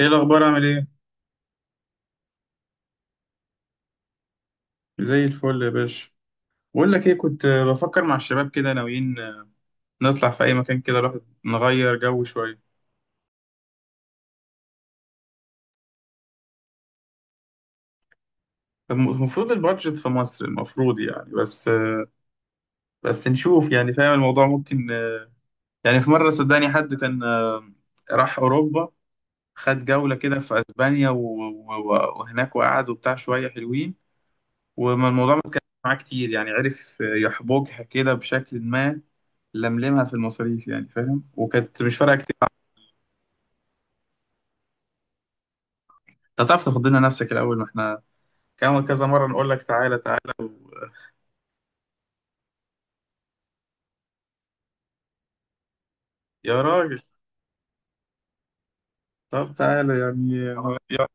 ايه الاخبار عامل ايه؟ زي الفل يا باشا. بقول لك ايه، كنت بفكر مع الشباب كده، ناويين نطلع في اي مكان كده، الواحد نغير جو شويه. المفروض البادجت في مصر المفروض يعني، بس نشوف يعني، فاهم الموضوع ممكن. يعني في مره صدقني حد كان راح اوروبا، خد جوله كده في اسبانيا وهناك، وقعد وبتاع شويه حلوين، وما الموضوع ما اتكلمش معاه كتير، يعني عرف يحبكها كده بشكل ما، لملمها في المصاريف يعني فاهم، وكانت مش فارقه كتير. انت هتعرف تاخد لنا نفسك الاول؟ ما احنا كمان كذا مره نقول لك تعالى تعالى. يا راجل، طب تعالى يعني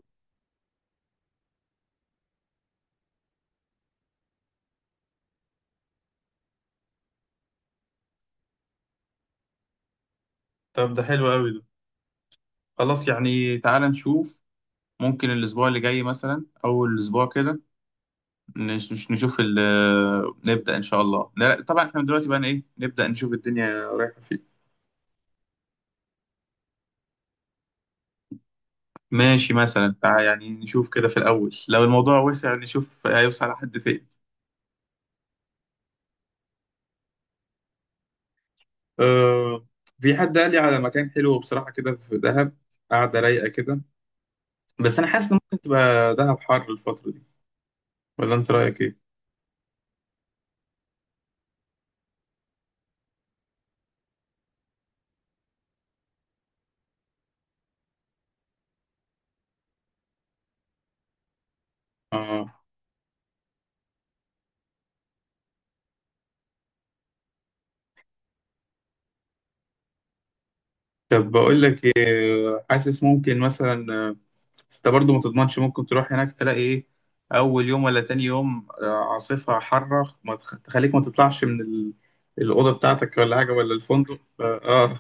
طب ده حلو قوي ده. خلاص يعني تعالى نشوف، ممكن الاسبوع اللي جاي مثلا اول الاسبوع كده نشوف نبدا ان شاء الله. لا، طبعا احنا دلوقتي بقى ايه، نبدا نشوف الدنيا رايحه فين. ماشي، مثلا تعالى يعني نشوف كده في الاول، لو الموضوع وسع نشوف هيوصل لحد فين. أه. في حد قال لي على مكان حلو بصراحه كده في دهب، قاعده رايقه كده. بس انا حاسس ان ممكن تبقى دهب حر الفتره دي، ولا انت رايك ايه؟ اه. طب بقول لك إيه، حاسس ممكن مثلا بس انت برضو ما تضمنش، ممكن تروح هناك تلاقي ايه، اول يوم ولا تاني يوم عاصفه حاره ما تخليك ما تطلعش من الاوضه بتاعتك ولا حاجه ولا الفندق.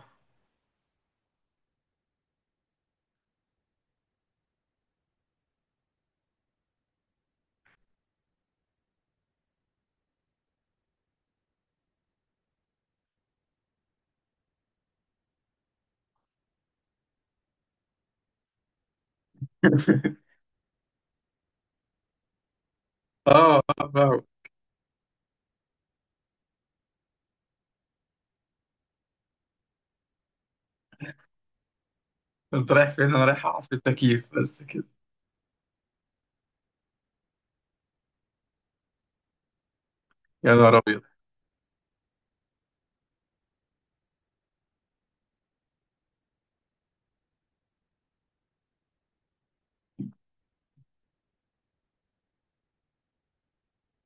اه، اه، فاهم. انت رايح فين؟ انا رايح اقعد في التكييف بس كده. يا نهار ابيض.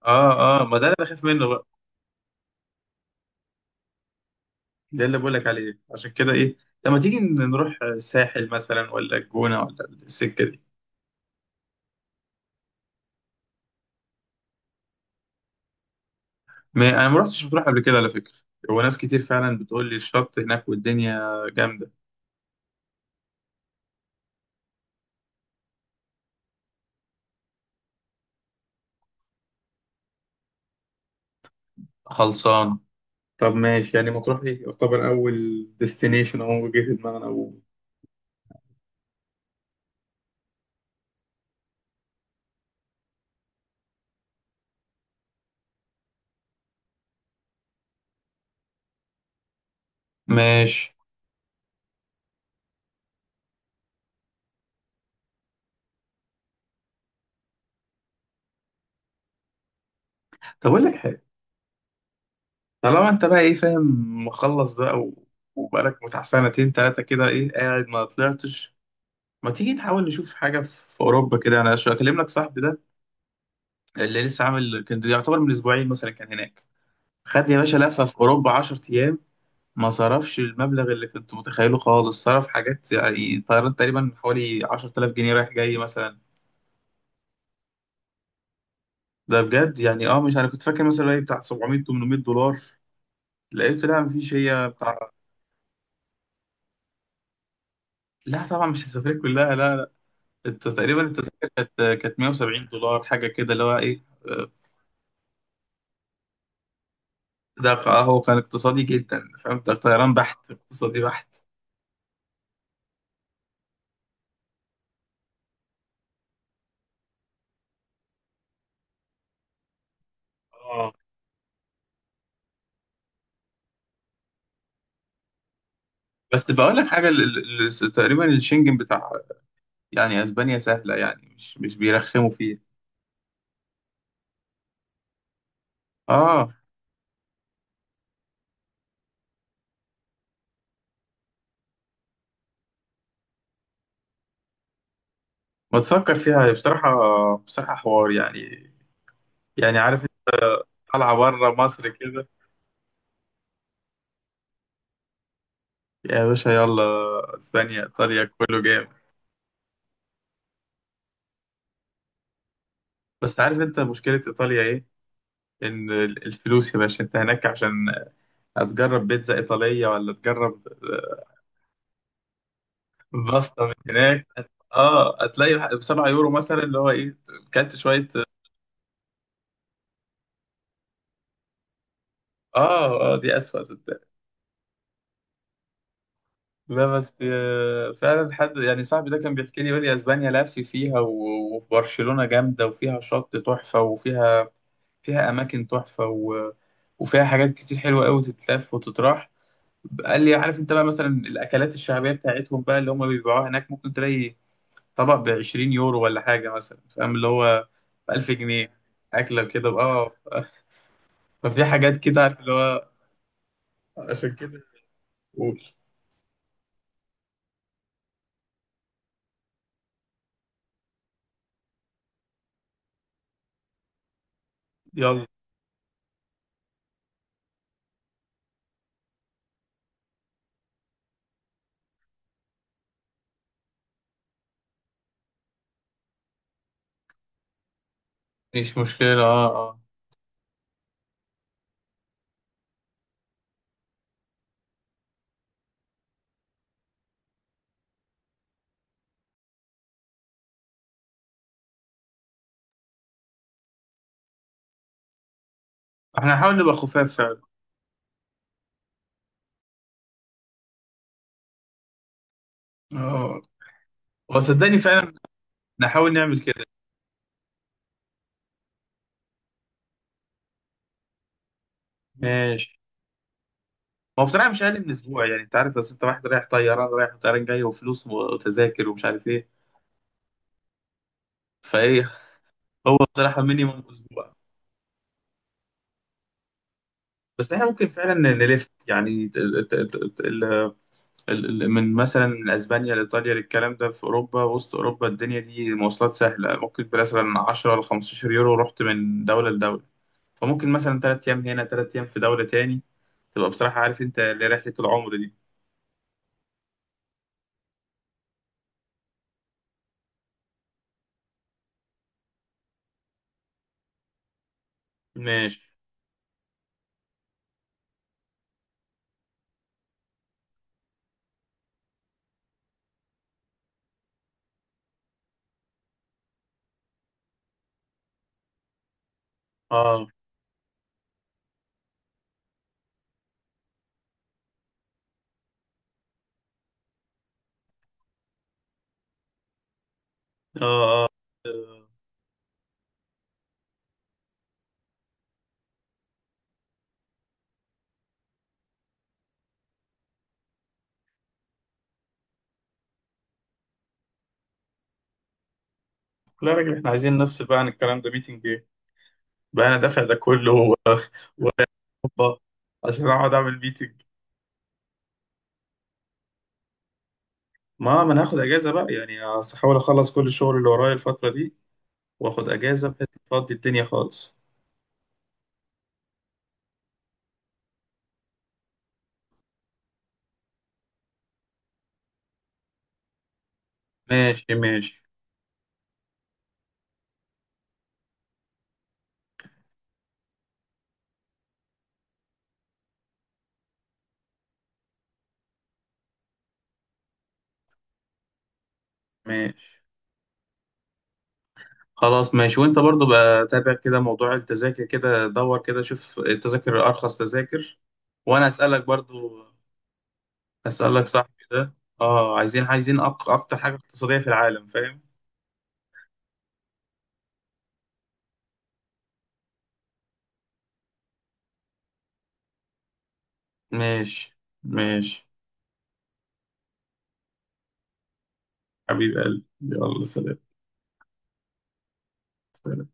اه، اه، ما ده اللي بخاف منه بقى. ده اللي بقولك عليه، عشان كده ايه لما تيجي نروح ساحل مثلا ولا الجونة ولا السكة دي. ما انا ما رحتش مطروح قبل كده على فكرة، وناس كتير فعلا بتقول لي الشط هناك والدنيا جامدة. خلصانة، طب ماشي يعني، مطروح ايه، يعتبر اول ديستنيشن او جه في دماغنا. و... ماشي، طب اقول لك حاجة، طالما انت بقى ايه فاهم، مخلص بقى، و... وبقالك بتاع سنتين تلاتة كده ايه قاعد ما طلعتش، ما تيجي نحاول نشوف حاجة في أوروبا كده. أنا أكلم لك صاحبي ده اللي لسه عامل، كان يعتبر من اسبوعين مثلا كان هناك. خد يا باشا لفه في اوروبا 10 ايام، ما صرفش المبلغ اللي كنت متخيله خالص، صرف حاجات يعني طيران تقريبا حوالي 10,000 جنيه رايح جاي مثلا. ده بجد يعني، مش، انا كنت فاكر مثلا ايه بتاع 700 800 دولار، لقيت لا مفيش، هي بتاع. لا طبعا مش السفرية كلها، لا، لا. انت تقريبا التذاكر كانت 170 دولار حاجه كده اللي هو ايه ده، هو كان اقتصادي جدا، فهمت طيران بحت، اقتصادي بحت. بس بقول لك حاجه تقريبا الشنجن بتاع يعني اسبانيا سهله يعني، مش بيرخموا فيه. اه، ما تفكر فيها بصراحه، بصراحه حوار يعني. يعني عارف انت، طالعه بره مصر كده. يا باشا يلا، اسبانيا ايطاليا كله جامد. بس عارف انت مشكله ايطاليا ايه، ان الفلوس يا باشا انت هناك، عشان هتجرب بيتزا ايطاليه، ولا تجرب باستا من هناك. اه، هتلاقي ب 7 يورو مثلا اللي هو ايه، كلت شويه. اه، اه، دي اسوأ. لا بس فعلا، حد يعني صاحبي ده كان بيحكي لي يقول لي اسبانيا لف فيها وفي برشلونة جامدة، وفيها شط تحفة، وفيها، فيها اماكن تحفة، وفيها حاجات كتير حلوة قوي، تتلف وتتراح. قال لي عارف انت بقى مثلا، الاكلات الشعبية بتاعتهم بقى اللي هم بيبيعوها هناك ممكن تلاقي طبق ب 20 يورو ولا حاجة مثلا، فاهم اللي هو ب 1000 جنيه اكلة كده. اه، ففي حاجات كده عارف اللي هو، عشان كده. قول. يلا، مش مشكلة، اه، اه. احنا هنحاول نبقى خفاف فعلا. اه، هو صدقني فعلا نحاول نعمل كده. ماشي، هو بصراحة مش أقل من أسبوع، يعني أنت عارف، بس أنت واحد رايح طيران رايح وطيران جاي وفلوس وتذاكر ومش عارف إيه. فإيه، هو بصراحة مينيموم أسبوع. بس إحنا ممكن فعلا نلف يعني من، مثلا من أسبانيا لإيطاليا، للكلام ده في أوروبا، وسط أوروبا الدنيا دي مواصلات سهلة، ممكن مثلا 10 ل 15 يورو رحت من دولة لدولة. فممكن مثلا 3 أيام هنا 3 أيام في دولة تاني، تبقى بصراحة عارف أنت اللي رحلة العمر دي. ماشي، اه، اه، اه، آه. لا يا راجل احنا عايزين نفصل بقى عن الكلام ده، ميتنج ايه بقى، انا دافع ده كله. اوبا، عشان اقعد اعمل ميتنج. ما انا هاخد اجازه بقى يعني، هحاول اخلص كل الشغل اللي ورايا الفتره دي، واخد اجازه بحيث افضي الدنيا خالص. ماشي، ماشي، ماشي، خلاص، ماشي. وانت برضو بقى تابع كده موضوع التذاكر كده، دور كده شوف التذاكر، ارخص تذاكر. وانا اسالك برضو، اسالك صاحبي ده. اه، عايزين اكتر حاجه اقتصاديه في العالم، فاهم. ماشي، ماشي، حبيب قلبي، يلا، سلام. سلام.